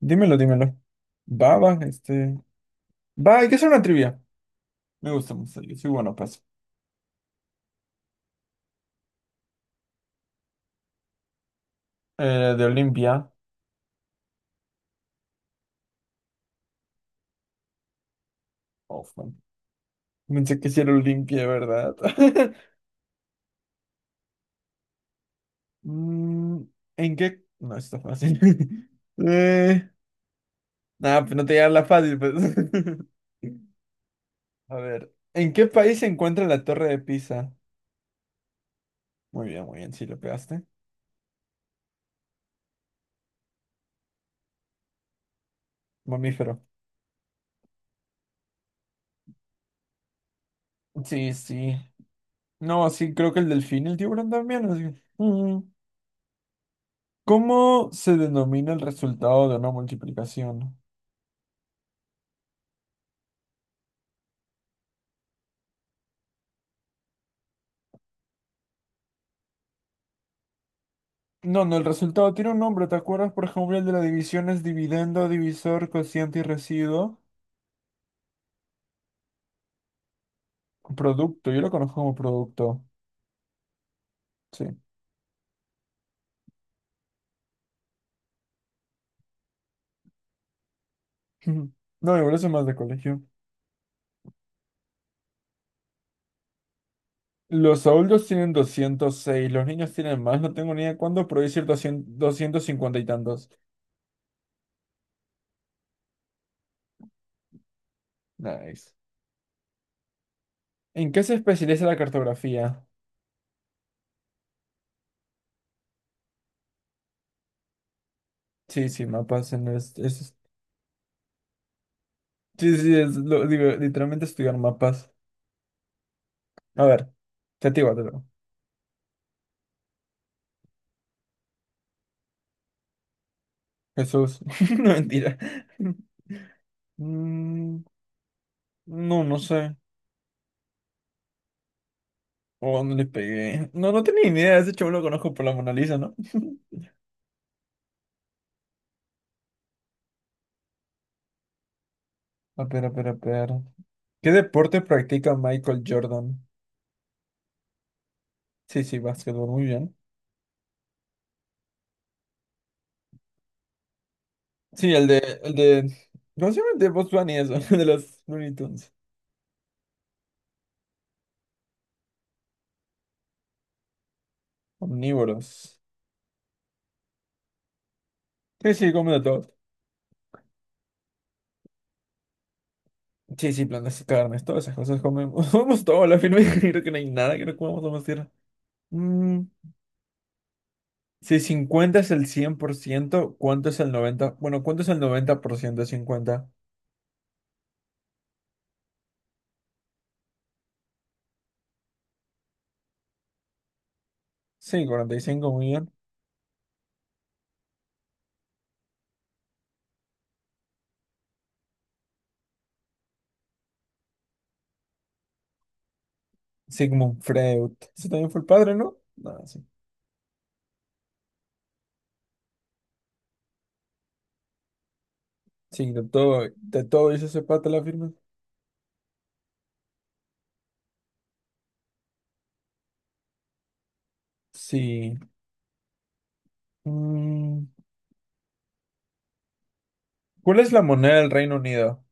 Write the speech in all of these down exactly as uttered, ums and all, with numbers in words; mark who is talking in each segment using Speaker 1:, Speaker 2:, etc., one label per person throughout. Speaker 1: Dímelo, dímelo. Va, va, este. Va, hay que hacer una trivia. Me gusta mucho. Yo soy bueno, pues. Eh, de Olimpia. Oh, man. Pensé que sí era Olimpia, ¿verdad? Mm, ¿En qué? No, está fácil. eh, nada, pues no te llega la fácil, pues. A ver. ¿En qué país se encuentra la Torre de Pisa? Muy bien, muy bien, sí lo pegaste. Mamífero. Sí, sí. No, sí, creo que el delfín, el tiburón también, así. Mm. ¿Cómo se denomina el resultado de una multiplicación? No, no, el resultado tiene un nombre. ¿Te acuerdas, por ejemplo, el de la división es dividendo, divisor, cociente y residuo? Producto, yo lo conozco como producto. Sí. Ujú. No, igual eso es más de colegio. Los adultos tienen doscientos seis, los niños tienen más, no tengo ni idea cuándo, pero decir doscientos doscientos cincuenta y tantos. Nice. ¿En qué se especializa la cartografía? Sí, sí, mapas. En es, es- sí, sí, es, lo- digo, literalmente estudiar mapas. A ver, te digo, te digo. Jesús. No, mentira. Mm, no, no sé. ¿O dónde le pegué? No, no tenía ni idea. Ese chavo lo conozco por la Mona Lisa, ¿no? A ver, a ver, a ver. ¿Qué deporte practica Michael Jordan? Sí, sí, básquetbol, muy bien. Sí, el de, el de, ¿cómo se llama? El de Bugs Bunny, eso, de los Looney Tunes. Omnívoros. Sí, sí, comen de todo. Sí, sí, plantas y carnes, todas esas cosas comemos. Comemos todo, a la firme. Creo que no hay nada que no comamos a tierra. Mm, Si cincuenta es el cien por ciento, ¿cuánto es el noventa? Bueno, ¿cuánto es el noventa por ciento de cincuenta? Sí, cuarenta y cinco muy bien. Sigmund Freud. Ese también fue el padre, ¿no? No, sí. Sí, de todo, de todo hizo ese pata la firma. Sí. Mm, ¿Cuál es la moneda del Reino Unido?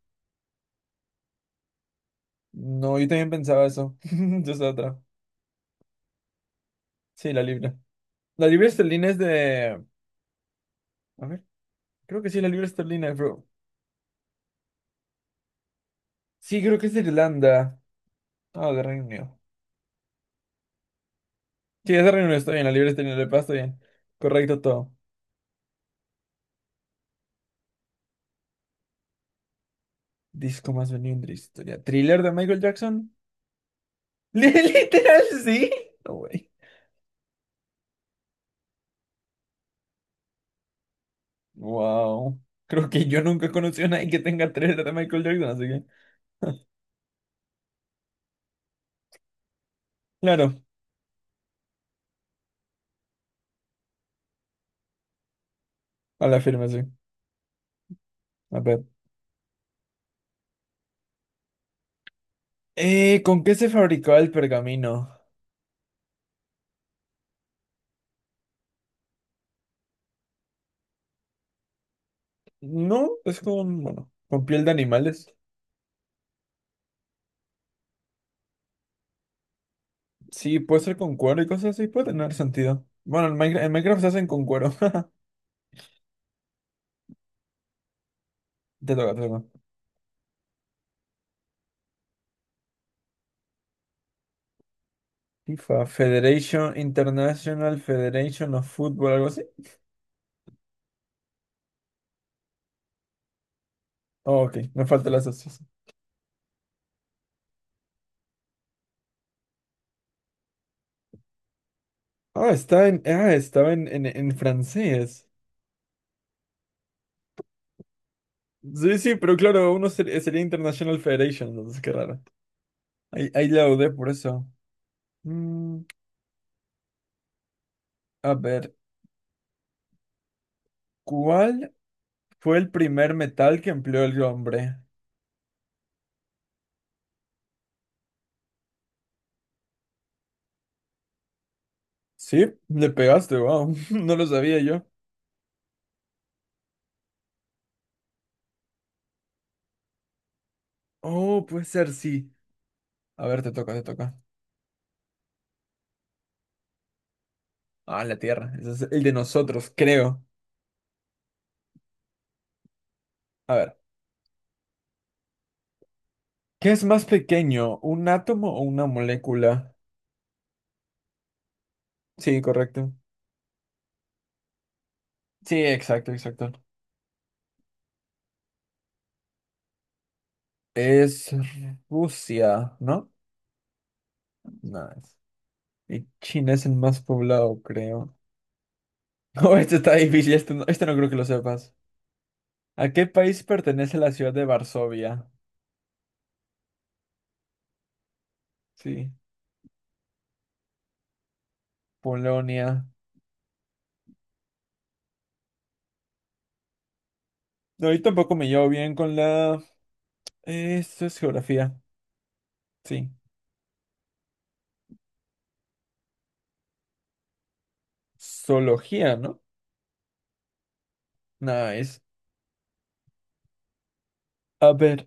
Speaker 1: No, yo también pensaba eso. Yo estaba otra. Sí, la libra. La libra esterlina es de. A ver, creo que sí, la libra esterlina, bro. Sí, creo que es de Irlanda. Ah, de Reino Unido. Sí, esa reunión está bien, la libre está bien, la paz está bien. Correcto todo. Disco más vendido en la historia. ¿Thriller de Michael Jackson? Literal, sí. No, güey. Wow. Creo que yo nunca he conocido a nadie que tenga thriller de Michael Jackson, así que. Claro, a la firma, sí. A ver. Eh, ¿con qué se fabricaba el pergamino? No, es con, bueno, con piel de animales. Sí, puede ser con cuero y cosas así, puede tener sentido. Bueno, en Minecraft, en Minecraft se hacen con cuero. Te toca, te toca. FIFA, Federation International Federation of Football, algo así. Oh, ok, me falta la asociación. Ah, está en, ah, estaba en, en, en francés. Sí, sí, pero claro, uno ser- eh, sería International Federation, entonces qué raro. Ahí, ahí la dudé por eso. Mm, a ver, ¿cuál fue el primer metal que empleó el hombre? Sí, le pegaste, wow, no lo sabía yo. Oh, puede ser, sí. A ver, te toca, te toca. Ah, la Tierra, ese es el de nosotros, creo. A ver. ¿Qué es más pequeño, un átomo o una molécula? Sí, correcto. Sí, exacto, exacto. Es Rusia, ¿no? Nice. Y China es el más poblado, creo. No, este está difícil, este no, este no creo que lo sepas. ¿A qué país pertenece la ciudad de Varsovia? Sí, Polonia. No, yo tampoco me llevo bien con la. Esto es geografía, sí. Zoología, ¿no? Nice. A ver.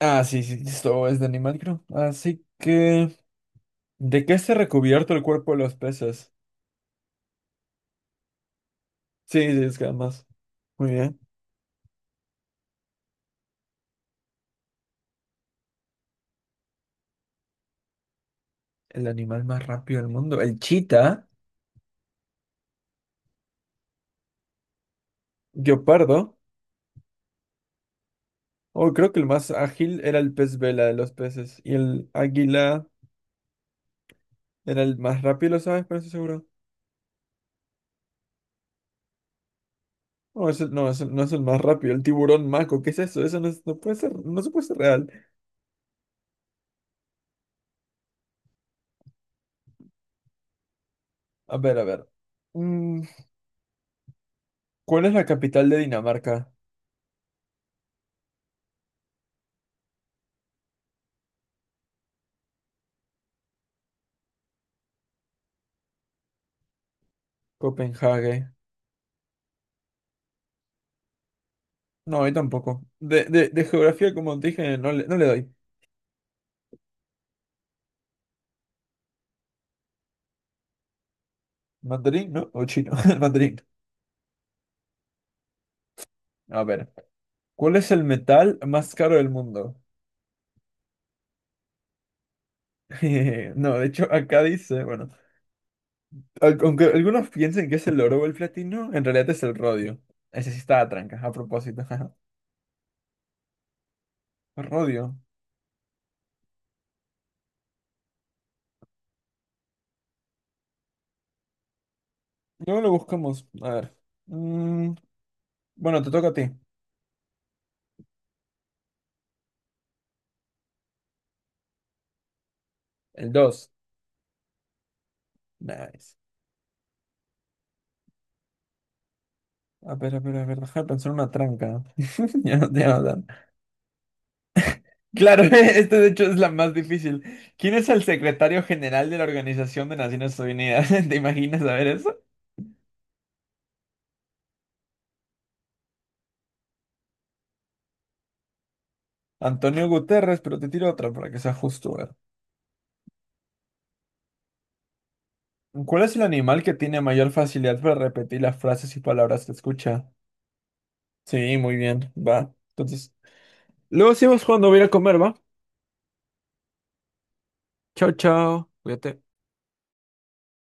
Speaker 1: Ah, sí, sí, esto es de animal, creo. Así que. ¿De qué está recubierto el cuerpo de los peces? Sí, sí, es que además. Muy bien. El animal más rápido del mundo. El chita. Guepardo. Oh, creo que el más ágil era el pez vela de los peces. Y el águila era el más rápido, ¿sabes? Pero eso seguro. No, ese- no, ese no es el más rápido. El tiburón maco. ¿Qué es eso? Eso no, es- no puede ser. No se puede ser real. A ver, a ver. Mm, ¿Cuál es la capital de Dinamarca? Copenhague. No, yo tampoco. De, de, de geografía, como dije, no le, no le doy. ¿Mandarín, no? ¿O chino? El Mandarín. A ver. ¿Cuál es el metal más caro del mundo? No, de hecho, acá dice, bueno, al- aunque algunos piensen que es el oro o el platino, en realidad es el rodio. Ese sí está a tranca, a propósito. Rodio. Luego lo buscamos. A ver. Mm, bueno, te toca a ti. El dos. Nice. A ver, a ver, a ver, deja de pensar una tranca. Ya, no ya. Claro, esta de hecho es la más difícil. ¿Quién es el secretario general de la Organización de Naciones Unidas? ¿Te imaginas saber eso? Antonio Guterres, pero te tiro otra para que sea justo, a. ¿Cuál es el animal que tiene mayor facilidad para repetir las frases y palabras que escucha? Sí, muy bien, va. Entonces, luego seguimos cuando voy a ir a comer, ¿va? Chao, chao. Cuídate.